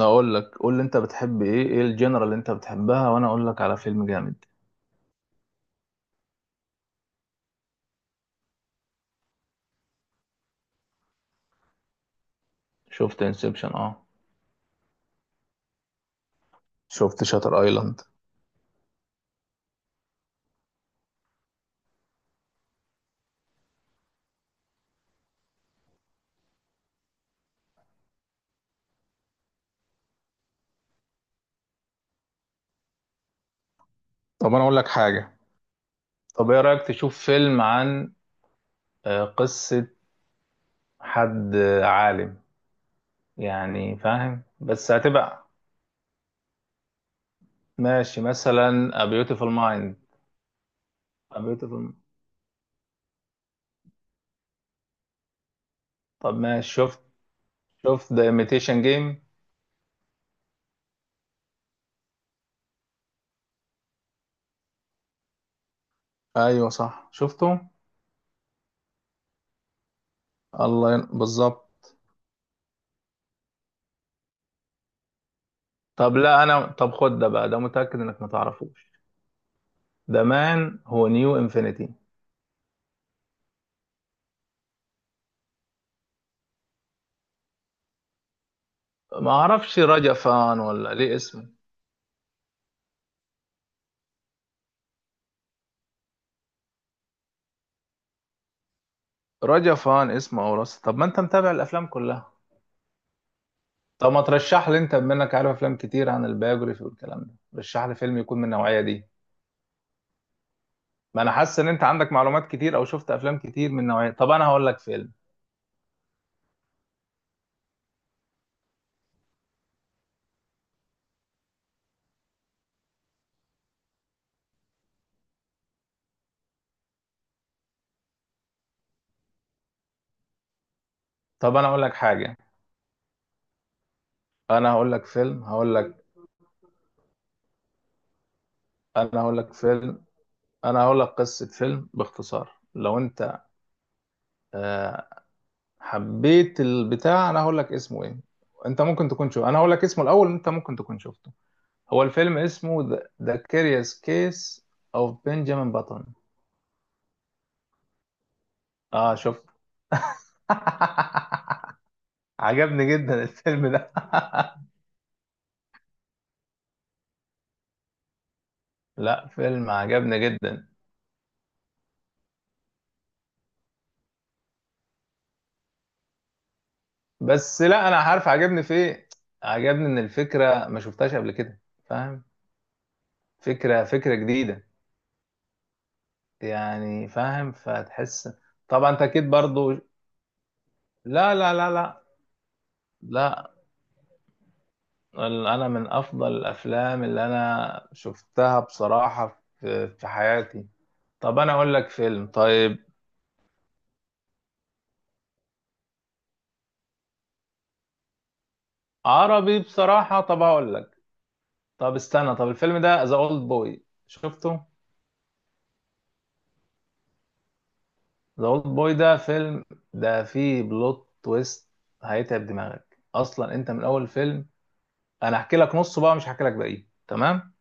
اقول لك، قول لي انت بتحب ايه الجنرال اللي انت بتحبها وانا اقول لك على فيلم جامد. شفت انسبشن، اه شفت شاتر ايلاند. طب انا اقول لك حاجه. طب ايه رايك تشوف فيلم عن قصة حد، عالم يعني، فاهم؟ بس هتبقى ماشي، مثلا A Beautiful Mind، A Beautiful. طب ماشي، شفت The Imitation Game. ايوه صح، شفته. بالظبط. طب لا انا، طب خد ده بقى، ده متأكد انك ما تعرفوش. ده مان هو نيو انفينيتي. ما اعرفش رجفان ولا ليه اسمه. رجفان اسمه او رص؟ طب ما انت متابع الافلام كلها. طب ما ترشح لي انت، بما انك عارف افلام كتير عن البايوجرافي والكلام ده، رشح لي فيلم يكون من النوعيه دي. ما انا حاسس ان انت عندك معلومات كتير او شفت افلام كتير من نوعيه. طب انا هقول لك فيلم. طب انا هقول لك حاجه. انا هقول لك فيلم، هقول لك. انا هقول لك فيلم. انا هقول لك قصه فيلم باختصار، لو انت آه، حبيت البتاع. انا هقول لك اسمه ايه. انت ممكن تكون شو، انا هقول لك اسمه الاول، انت ممكن تكون شفته. هو الفيلم اسمه The Curious Case of Benjamin Button. اه شفت. عجبني جدا الفيلم ده. لا فيلم عجبني جدا. بس لا، انا عارف عجبني في ايه. عجبني ان الفكره ما شفتهاش قبل كده، فاهم؟ فكره جديده يعني، فاهم؟ فتحس. طبعا، انت اكيد برضو. لا لا لا لا. لا، انا من افضل الافلام اللي انا شفتها بصراحة في حياتي. طب انا اقول لك فيلم طيب. عربي بصراحة؟ طب هقول لك. طب استنى، طب الفيلم ده ذا اولد بوي، شفته؟ ذا اولد بوي ده فيلم، ده فيه بلوت تويست هيتعب دماغك اصلا انت من اول فيلم. انا هحكي لك نصه بقى، مش هحكي لك باقيه، تمام؟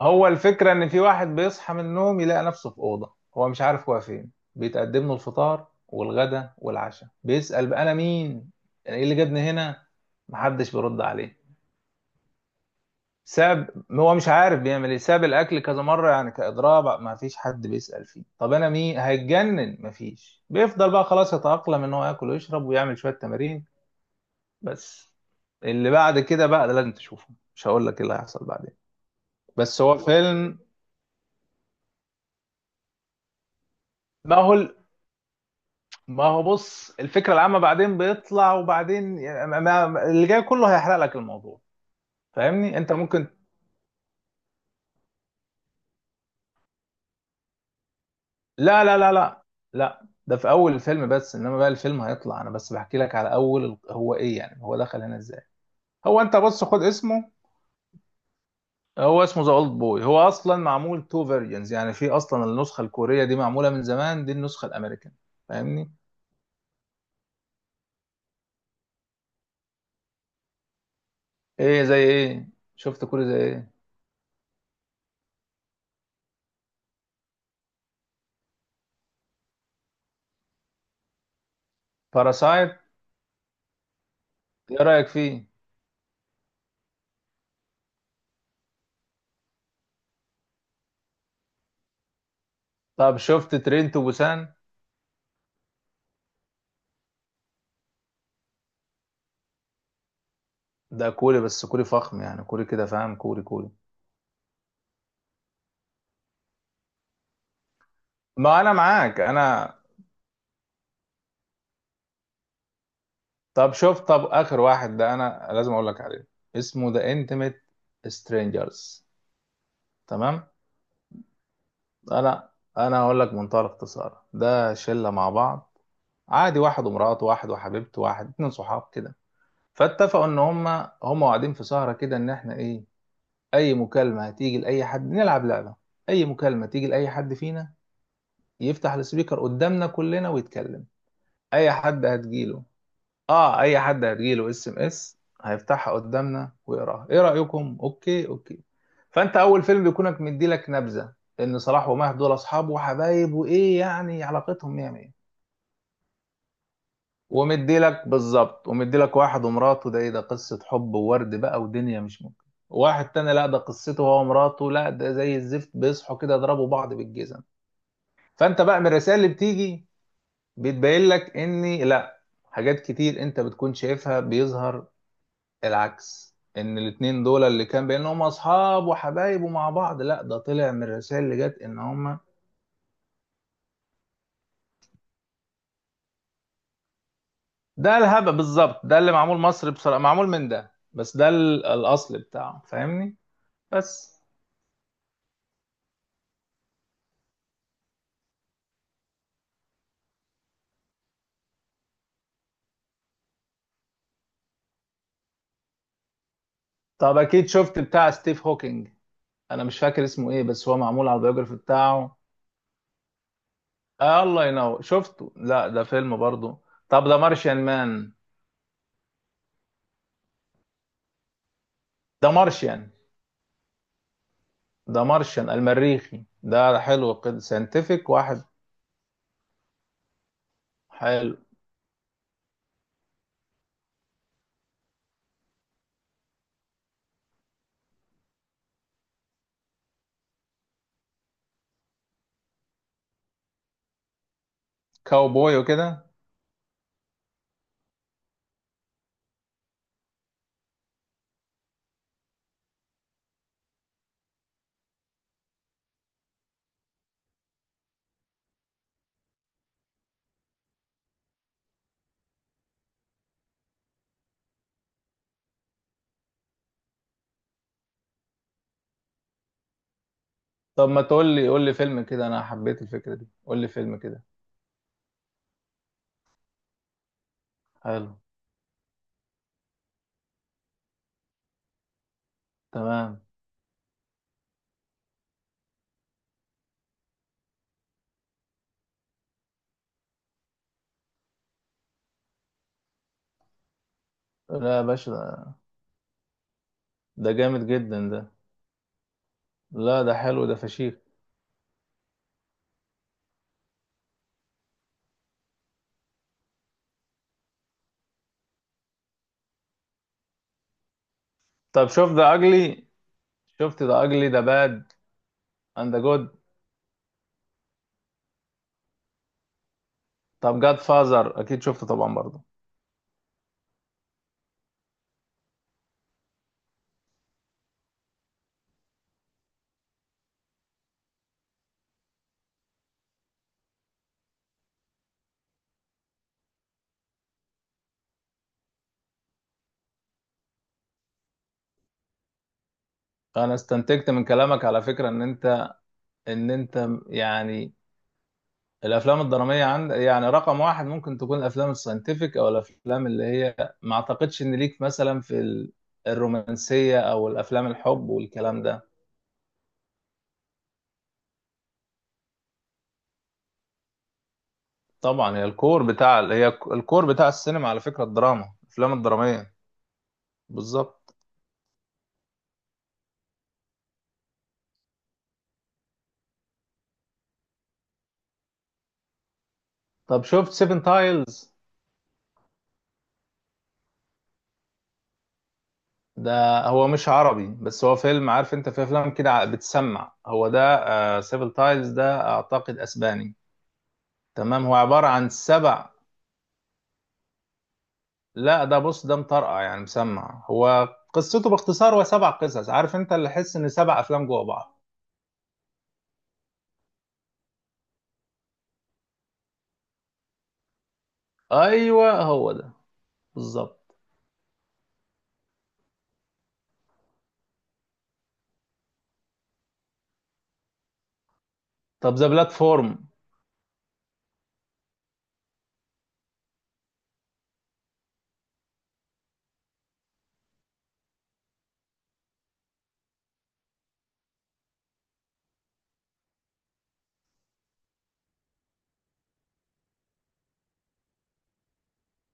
هو الفكرة إن في واحد بيصحى من النوم، يلاقي نفسه في أوضة هو مش عارف هو فين. بيتقدم له الفطار والغدا والعشاء، بيسأل بقى أنا مين؟ إيه اللي جابني هنا؟ محدش بيرد عليه. ساب، هو مش عارف بيعمل إيه، ساب الأكل كذا مرة يعني كإضراب، مفيش حد بيسأل فيه. طب أنا مين؟ هيتجنن، مفيش. بيفضل بقى خلاص يتأقلم إن هو ياكل ويشرب ويعمل شوية تمارين. بس اللي بعد كده بقى ده لازم تشوفه، مش هقول لك إيه اللي هيحصل بعدين. بس هو فيلم. ما هو ما هو بص، الفكرة العامة بعدين بيطلع، وبعدين يعني اللي جاي كله هيحرق لك الموضوع. فاهمني؟ انت ممكن. لا لا لا لا. لا، ده في اول الفيلم بس، انما بقى الفيلم هيطلع. انا بس بحكي لك على اول هو ايه يعني، هو دخل هنا ازاي. هو انت بص خد اسمه. هو اسمه ذا اولد بوي، هو اصلا معمول تو فيرجنز، يعني في اصلا النسخة الكورية دي معمولة من زمان، دي النسخة الامريكان. فاهمني؟ ايه زي ايه؟ شفت كوري زي ايه؟ باراسايت؟ ايه رأيك فيه؟ طب شفت ترين تو بوسان؟ ده كوري بس كوري فخم يعني، كوري كده فاهم، كوري كوري. ما انا معاك انا. طب شوف، طب اخر واحد ده انا لازم اقول لك عليه. اسمه ذا انتيميت سترينجرز، تمام؟ انا انا هقول لك منتهى الاختصار. ده شله مع بعض عادي، واحد ومراته، واحد وحبيبته، واحد اتنين صحاب كده. فاتفقوا ان هم قاعدين في سهره كده ان احنا ايه، اي مكالمه هتيجي لاي حد نلعب لعبه، اي مكالمه تيجي لاي حد فينا يفتح السبيكر قدامنا كلنا ويتكلم. اي حد هتجيله، اه اي حد هتجيله اس ام اس، هيفتحها قدامنا ويقراها، ايه رايكم؟ اوكي اوكي. فانت اول فيلم بيكونك مديلك نبذه ان صلاح ومهدي دول اصحاب وحبايب، وايه يعني علاقتهم 100 100. ومديلك بالظبط، ومديلك واحد ومراته ده، ايه ده قصه حب وورد بقى ودنيا مش ممكن. واحد تاني لا، ده قصته هو ومراته لا ده زي الزفت، بيصحوا كده يضربوا بعض بالجزم. فانت بقى من الرسائل اللي بتيجي بتبين لك ان لا، حاجات كتير انت بتكون شايفها بيظهر العكس، ان الاتنين دول اللي كان بينهم اصحاب وحبايب ومع بعض، لا ده طلع من الرسائل اللي جت ان هم. ده الهبة بالظبط ده، اللي معمول مصر بصراحة معمول من ده، بس ده الاصل بتاعه. فاهمني؟ بس. طب اكيد شفت بتاع ستيف هوكينج؟ انا مش فاكر اسمه ايه، بس هو معمول على البيوجرافي بتاعه. آه الله ينور، شفته؟ لا ده فيلم برضه. طب ده مارشيان مان، ده مارشيان، ده مارشيان المريخي ده حلو كده، ساينتفك واحد حلو. كاوبوي وكده. طب ما تقول لي، قول لي فيلم كده، انا حبيت الفكرة دي، قول لي فيلم كده حلو. تمام. لا يا باشا ده، ده جامد جدا ده. لا ده حلو، ده فشيخ. طب شوف ده اجلي. شفت ده اجلي ده باد اند جود؟ طب جاد فازر اكيد شفته طبعا برضه. انا استنتجت من كلامك على فكرة ان انت، ان انت يعني الافلام الدرامية عند يعني رقم واحد. ممكن تكون الافلام الساينتفك، او الافلام اللي هي، ما اعتقدش ان ليك مثلا في الرومانسية، او الافلام الحب والكلام ده. طبعا هي الكور بتاع، هي الكور بتاع السينما على فكرة الدراما، الافلام الدرامية. بالظبط. طب شفت سيفن تايلز؟ ده هو مش عربي، بس هو فيلم، عارف انت في افلام كده، بتسمع هو ده. آه سيفن تايلز ده اعتقد اسباني. تمام. هو عبارة عن سبع. لا ده بص، ده مطرقع يعني، مسمع، هو قصته باختصار هو سبع قصص، عارف انت اللي حس ان سبع افلام جوه بعض. ايوه هو ده بالظبط. طب ذا بلاتفورم.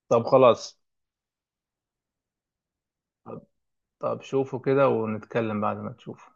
طب خلاص، طب شوفه كده ونتكلم بعد ما تشوفه.